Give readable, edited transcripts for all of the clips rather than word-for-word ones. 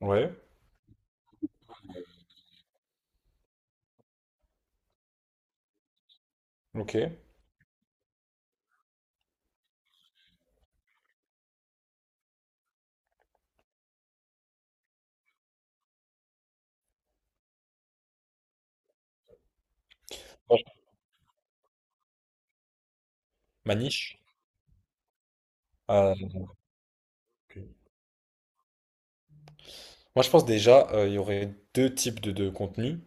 Ouais, ok. Moi, je- Ma niche. euh, moi, je pense déjà, il y aurait deux types de contenus.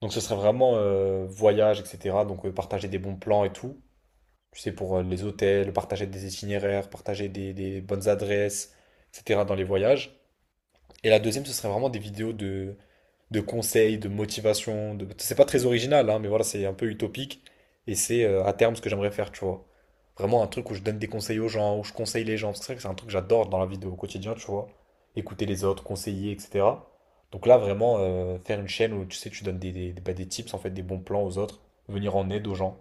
Donc, ce serait vraiment voyage, etc. Donc, partager des bons plans et tout. Tu sais, pour les hôtels, partager des itinéraires, partager des bonnes adresses, etc. dans les voyages. Et la deuxième, ce serait vraiment des vidéos de conseils, de motivation. C'est pas très original, hein, mais voilà, c'est un peu utopique. Et c'est à terme ce que j'aimerais faire, tu vois. Vraiment un truc où je donne des conseils aux gens, où je conseille les gens. Parce que c'est vrai que c'est un truc que j'adore dans la vie au quotidien, tu vois. Écouter les autres, conseiller, etc. Donc là, vraiment, faire une chaîne où tu sais, tu donnes bah, des tips, en fait, des bons plans aux autres, venir en aide aux gens.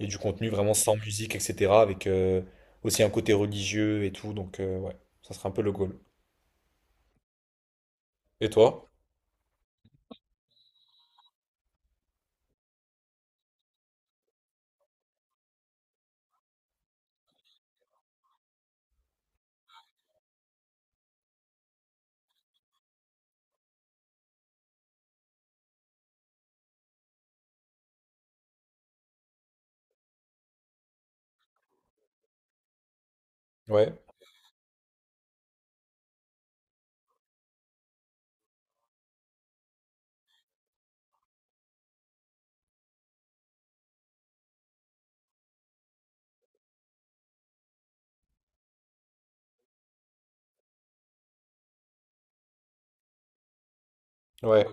Et du contenu vraiment sans musique, etc. Avec aussi un côté religieux et tout. Donc ouais, ça serait un peu le goal. Et toi? Ouais, ouais,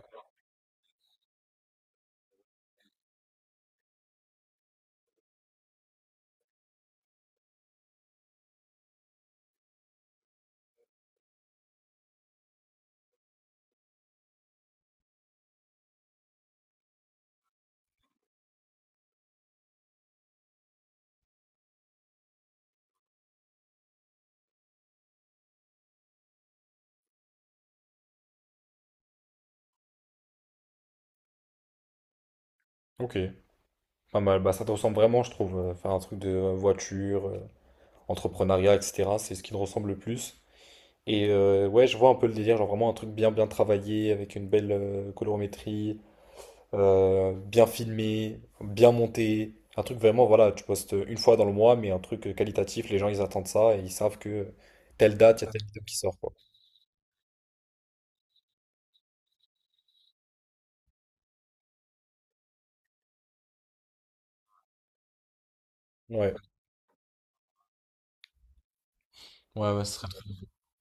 ok. Pas mal. Bah, ça te ressemble vraiment, je trouve. Faire un truc de voiture, entrepreneuriat, etc. C'est ce qui te ressemble le plus. Et ouais, je vois un peu le délire, genre vraiment un truc bien bien travaillé, avec une belle colorimétrie, bien filmé, bien monté. Un truc vraiment, voilà, tu postes une fois dans le mois, mais un truc qualitatif, les gens ils attendent ça et ils savent que telle date, il y a ouais, telle vidéo qui sort, quoi. Ouais, ouais, ouais, ce serait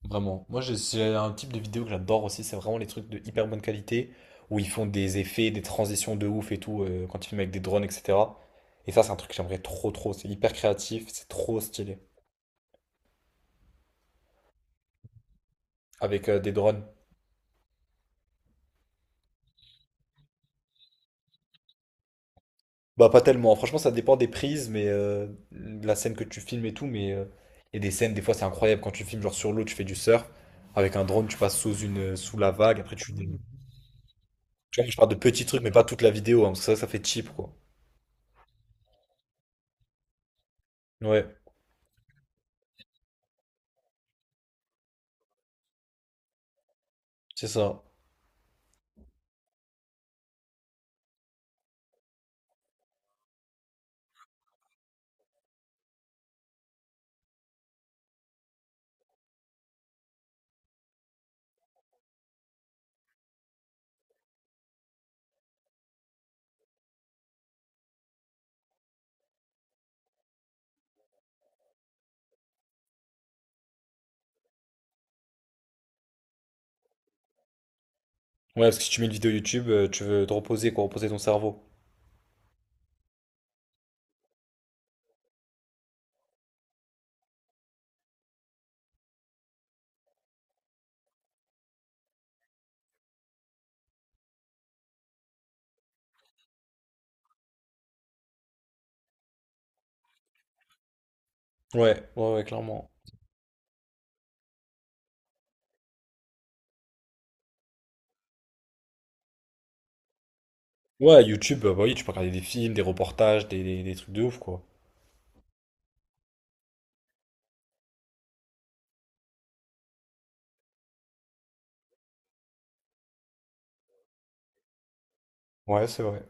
vraiment. C'est un type de vidéo que j'adore aussi. C'est vraiment les trucs de hyper bonne qualité où ils font des effets, des transitions de ouf et tout quand ils filment avec des drones, etc. Et ça, c'est un truc que j'aimerais trop, trop. C'est hyper créatif, c'est trop stylé avec des drones. Bah, pas tellement. Franchement, ça dépend des prises, mais la scène que tu filmes et tout. Mais il y a des scènes, des fois, c'est incroyable quand tu filmes genre sur l'eau, tu fais du surf avec un drone, tu passes sous la vague. Après, tu. Je parle de petits trucs, mais pas toute la vidéo, hein, parce que ça fait cheap, quoi. Ouais, c'est ça. Ouais, parce que si tu mets une vidéo YouTube, tu veux te reposer, quoi, reposer ton cerveau. Ouais, ouais, ouais, clairement. Ouais, YouTube, bah oui, tu peux regarder des films, des reportages, des trucs de ouf, quoi. Ouais, c'est vrai.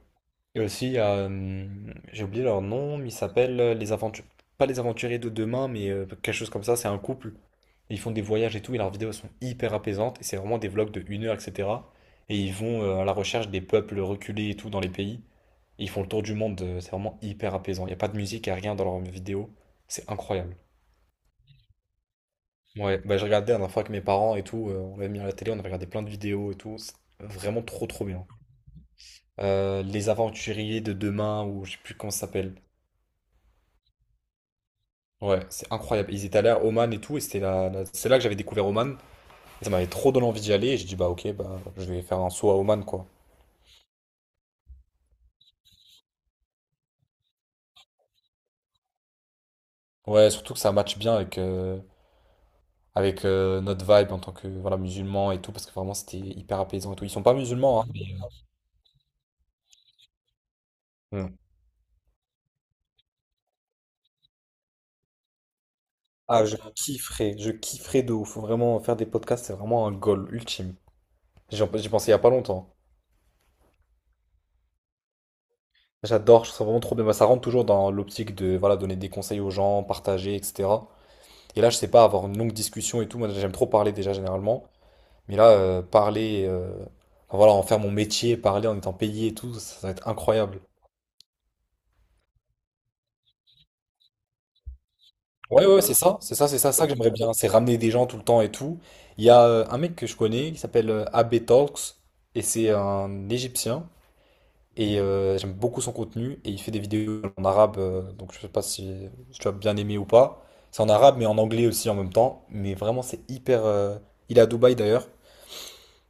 Et aussi, j'ai oublié leur nom, mais ils s'appellent les aventures, pas les aventuriers de demain, mais quelque chose comme ça, c'est un couple. Ils font des voyages et tout, et leurs vidéos sont hyper apaisantes, et c'est vraiment des vlogs de 1 heure, etc. Et ils vont à la recherche des peuples reculés et tout dans les pays. Et ils font le tour du monde, c'est vraiment hyper apaisant. Il n'y a pas de musique, il n'y a rien dans leurs vidéos. C'est incroyable. Ouais, bah j'ai regardé la dernière fois avec mes parents et tout, on l'avait mis à la télé, on avait regardé plein de vidéos et tout, c'est vraiment trop trop bien. Les Aventuriers de demain, ou je sais plus comment ça s'appelle. Ouais, c'est incroyable. Ils étaient allés à Oman et tout, et c'était c'est là que j'avais découvert Oman, et ça m'avait trop donné envie d'y aller, et j'ai dit bah ok, bah je vais faire un saut à Oman quoi. Ouais, surtout que ça match bien avec notre vibe en tant que voilà, musulman et tout, parce que vraiment c'était hyper apaisant et tout. Ils sont pas musulmans, hein. mais- Mm. Ah, je kifferais de ouf. Faut vraiment, faire des podcasts, c'est vraiment un goal ultime. J'y pensais il y a pas longtemps. J'adore, je trouve ça vraiment trop bien. Bah, ça rentre toujours dans l'optique de voilà, donner des conseils aux gens, partager, etc. Et là, je sais pas, avoir une longue discussion et tout. Moi, j'aime trop parler déjà généralement. Mais là, parler, enfin, voilà, en faire mon métier, parler en étant payé et tout, ça va être incroyable. Ouais, ouais, c'est ça, c'est ça, c'est ça, ça que j'aimerais bien. C'est ramener des gens tout le temps et tout. Il y a un mec que je connais qui s'appelle AB Talks et c'est un Égyptien. Et j'aime beaucoup son contenu. Et il fait des vidéos en arabe. Donc je sais pas si, tu as bien aimé ou pas. C'est en arabe, mais en anglais aussi en même temps. Mais vraiment, c'est hyper. Il est à Dubaï d'ailleurs.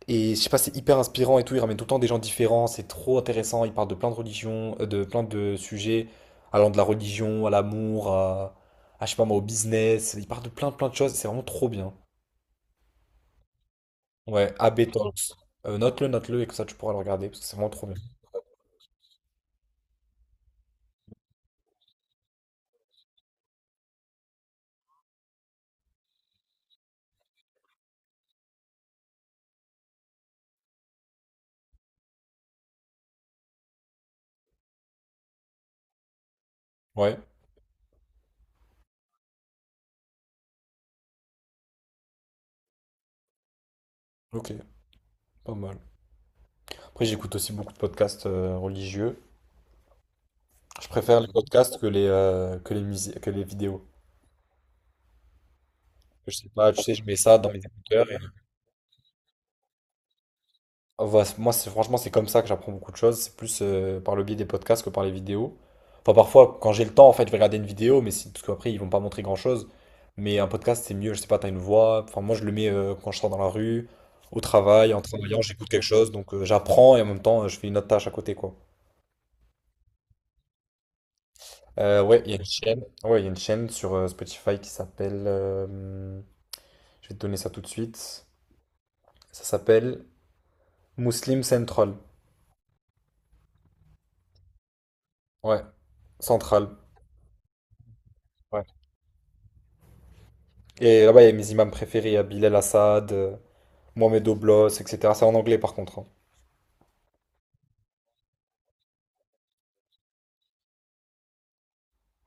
Et je sais pas, c'est hyper inspirant et tout. Il ramène tout le temps des gens différents. C'est trop intéressant. Il parle de plein de religions, de plein de sujets. Allant de la religion à l'amour, je sais pas moi, au business. Il parle de plein, plein de choses. C'est vraiment trop bien. Ouais, AB Talks. Note-le, note-le et que ça tu pourras le regarder parce que c'est vraiment trop bien. Ouais, ok, pas mal. Après, j'écoute aussi beaucoup de podcasts religieux. Je préfère les podcasts que que les musiques, que les vidéos. Je sais pas, tu sais, je mets ça dans mes écouteurs. Ah, voilà, moi, c'est franchement, c'est comme ça que j'apprends beaucoup de choses. C'est plus par le biais des podcasts que par les vidéos. Enfin, parfois, quand j'ai le temps, en fait, je vais regarder une vidéo, mais parce qu'après, ils vont pas montrer grand-chose. Mais un podcast, c'est mieux. Je sais pas, t'as une voix. Enfin, moi, je le mets quand je sors dans la rue, au travail, en travaillant, j'écoute quelque chose. Donc, j'apprends et en même temps, je fais une autre tâche à côté, quoi. Ouais, il y a une chaîne. Ouais, il y a une chaîne sur Spotify qui s'appelle. Je vais te donner ça tout de suite. Ça s'appelle Muslim Central. Ouais, Central. Ouais. Et là-bas, il y a mes imams préférés. Il y a Bilal Assad, Mohamed Oblos, etc. C'est en anglais par contre, hein.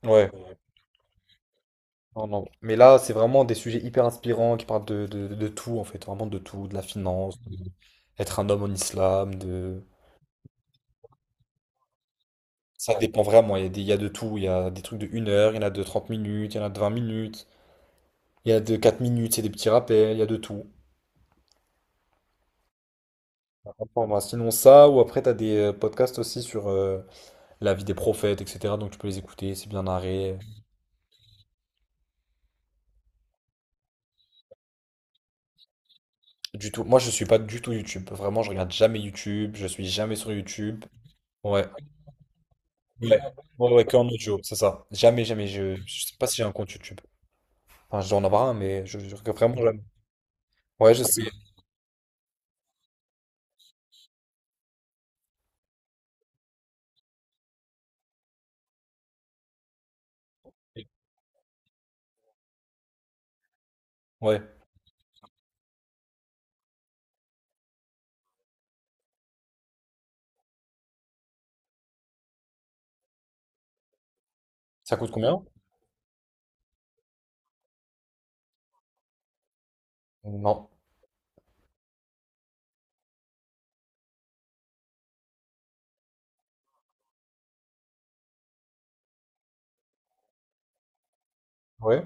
Ouais. Non, non. Mais là, c'est vraiment des sujets hyper inspirants qui parlent de tout, en fait. Vraiment de tout. De la finance, être un homme en islam, de. Ça dépend vraiment. Il y a il y a de tout. Il y a des trucs de 1 heure, il y en a de 30 minutes, il y en a de 20 minutes. Il y a de 4 minutes, c'est des petits rappels, il y a de tout. À prendre. Sinon ça, ou après t'as des podcasts aussi sur la vie des prophètes, etc. Donc tu peux les écouter, c'est bien narré. Du tout. Moi je suis pas du tout YouTube. Vraiment, je regarde jamais YouTube, je suis jamais sur YouTube. Ouais. Ouais, ouais, ouais, que en audio, c'est ça. Jamais, jamais. Je sais pas si j'ai un compte YouTube. Enfin, je dois en avoir un, mais je regarde vraiment jamais. Ouais, je sais. Ouais. Ça coûte combien? Non. Ouais.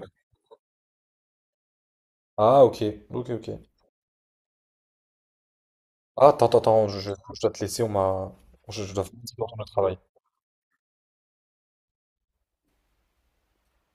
Ah ok. Ok, ok. Ah, attends, attends, attends, je dois te laisser, on m'a. Je dois faire un petit peu de travail.